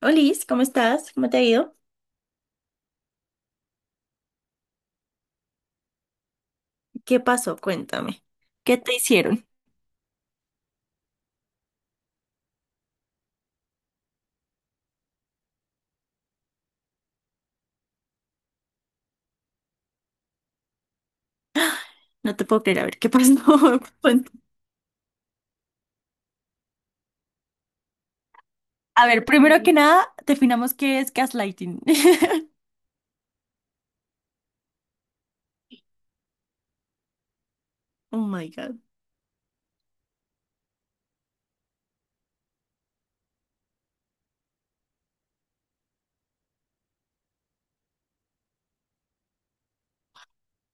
Olis, ¿cómo estás? ¿Cómo te ha ido? ¿Qué pasó? Cuéntame. ¿Qué te hicieron? No te puedo creer. A ver, ¿qué pasó? Cuéntame. A ver, primero que nada, definamos qué es gaslighting. Oh my God.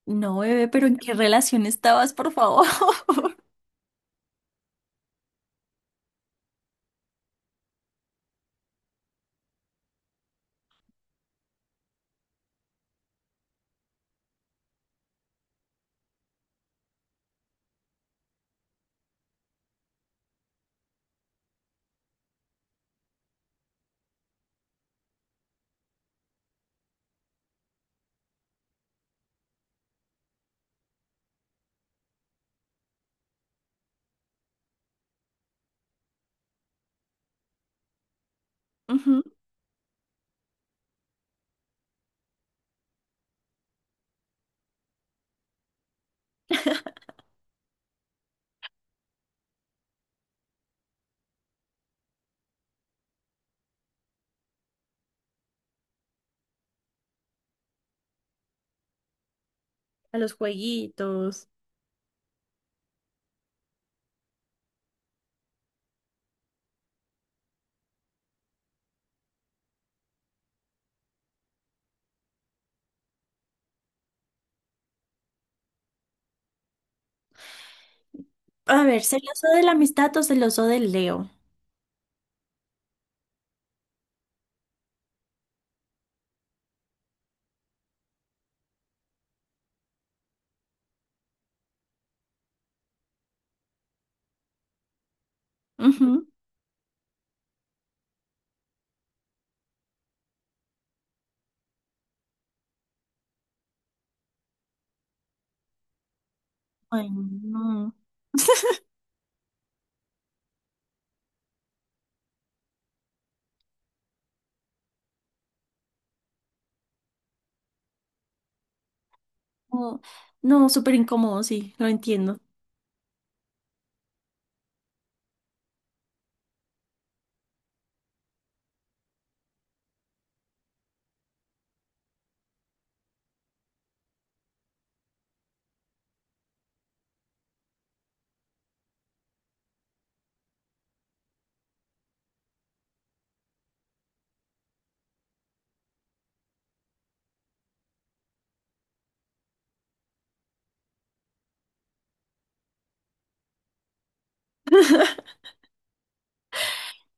No, bebé, pero ¿en qué relación estabas, por favor? Ujú. A los jueguitos. A ver, ¿celoso de la amistad o celoso del Leo? Ujú. Ay, no. No, no, súper incómodo, sí, lo entiendo.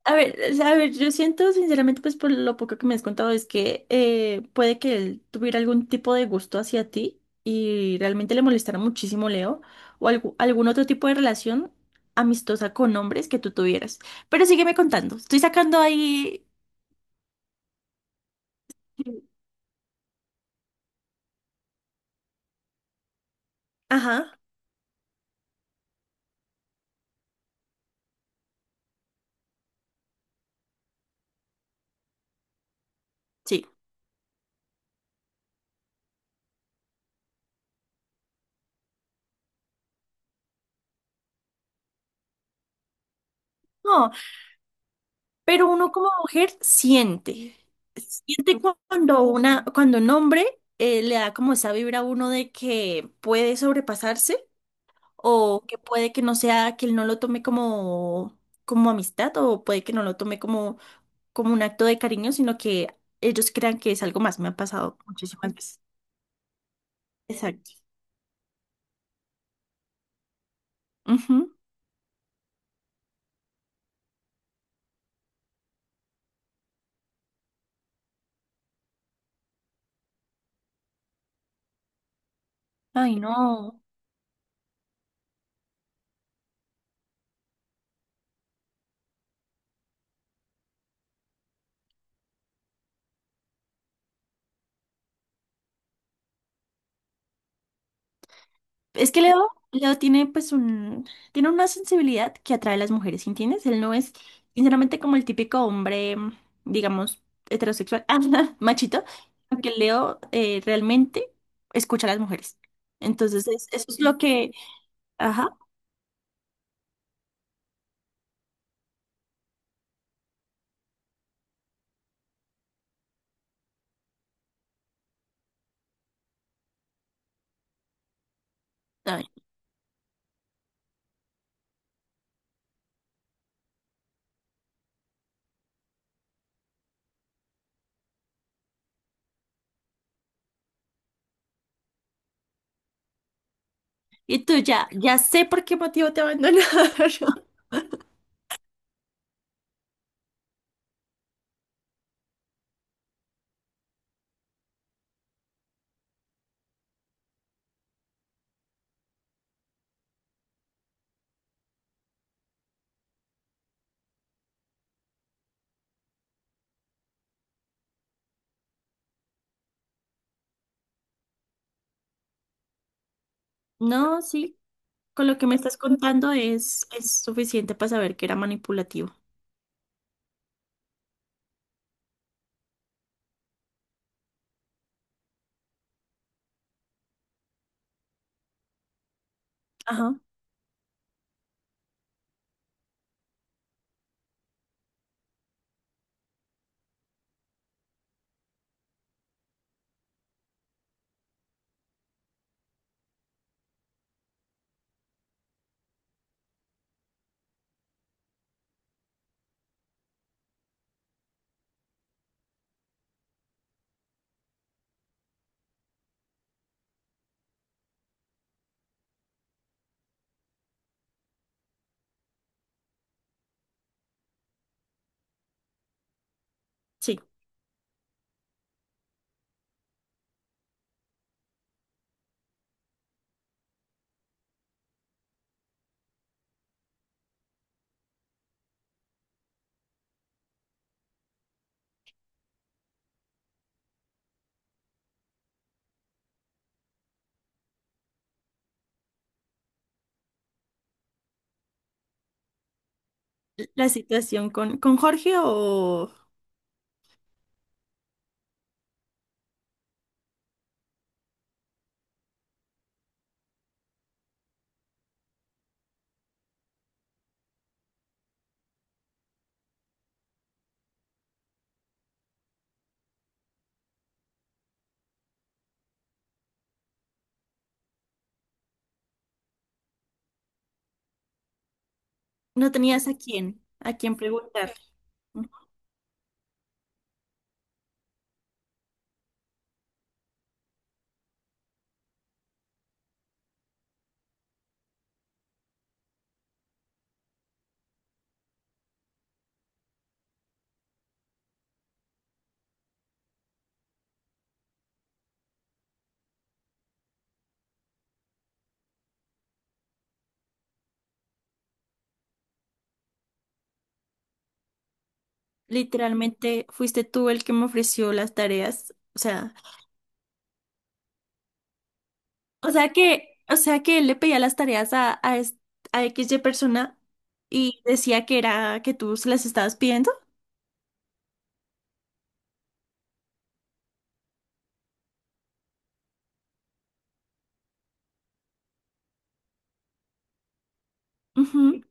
A ver, yo siento sinceramente, pues por lo poco que me has contado, es que puede que él tuviera algún tipo de gusto hacia ti y realmente le molestara muchísimo Leo o algún otro tipo de relación amistosa con hombres que tú tuvieras. Pero sígueme contando, estoy sacando ahí... Ajá, sí. No, pero uno como mujer siente, siente cuando una, cuando un hombre le da como esa vibra a uno de que puede sobrepasarse. O que puede que no sea, que él no lo tome como, como amistad o puede que no lo tome como, como un acto de cariño, sino que ellos crean que es algo más. Me ha pasado muchísimas veces. Exacto. Ujú. Ay, no. Es que Leo, Leo tiene pues un, tiene una sensibilidad que atrae a las mujeres, ¿entiendes? Él no es, sinceramente, como el típico hombre, digamos, heterosexual, ah, no, machito, porque Leo realmente escucha a las mujeres. Entonces, eso es lo que, ajá. Y tú ya, ya sé por qué motivo te abandonaron. No, sí, con lo que me estás contando es suficiente para saber que era manipulativo. Ajá, sí. La situación con Jorge o no tenías a quién preguntar. Literalmente fuiste tú el que me ofreció las tareas. O sea que él le pedía las tareas a, a XY persona y decía que era que tú se las estabas pidiendo. Ujú.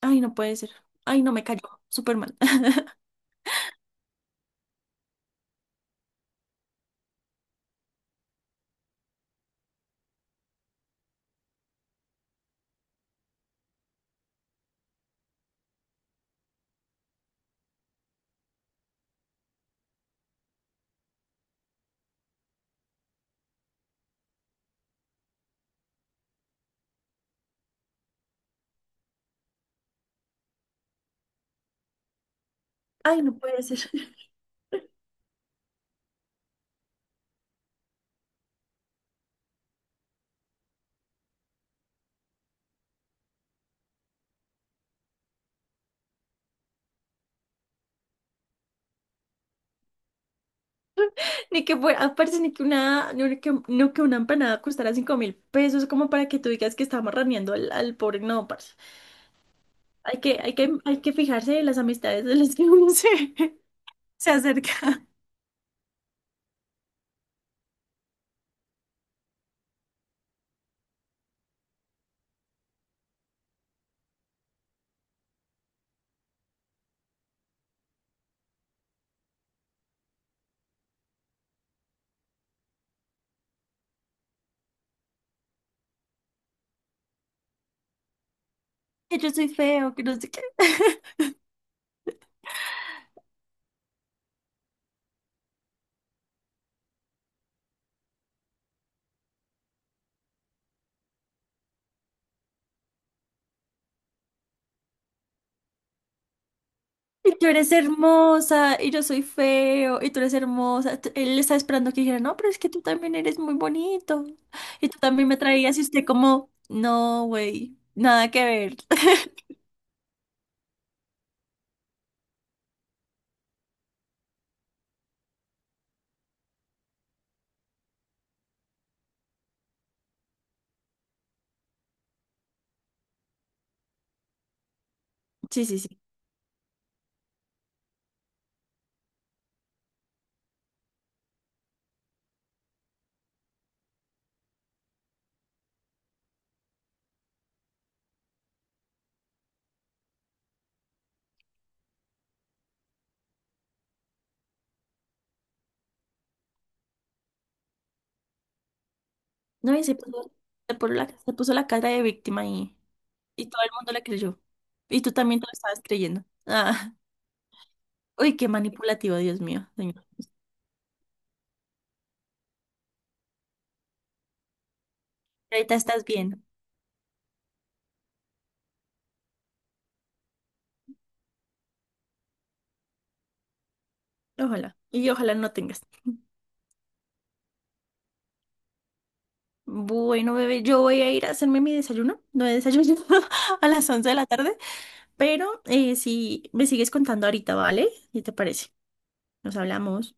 Ay, no puede ser. Ay, no me cayó. Superman. Ay, no puede ser. Ni que fuera, aparte ni que una, no que, no que una empanada costara 5.000 pesos como para que tú digas que estamos raneando al, al pobre. No, parce. Hay que, hay que, hay que fijarse en las amistades de las que uno se, se acerca. Que yo soy feo, que no sé qué. Y tú eres hermosa, y yo soy feo, y tú eres hermosa. T- Él estaba esperando que dijera, no, pero es que tú también eres muy bonito. Y tú también me traías y usted como, no, güey, nada que ver. Sí, sí, sí. No, y se puso la cara de víctima y todo el mundo le creyó. Y tú también te lo estabas creyendo. Ah, uy, qué manipulativo, Dios mío, señor. Ahorita estás bien. Ojalá. Y ojalá no tengas. Bueno, bebé, yo voy a ir a hacerme mi desayuno. No he desayunado a las 11 de la tarde. Pero si me sigues contando ahorita, ¿vale? ¿Qué te parece? Nos hablamos.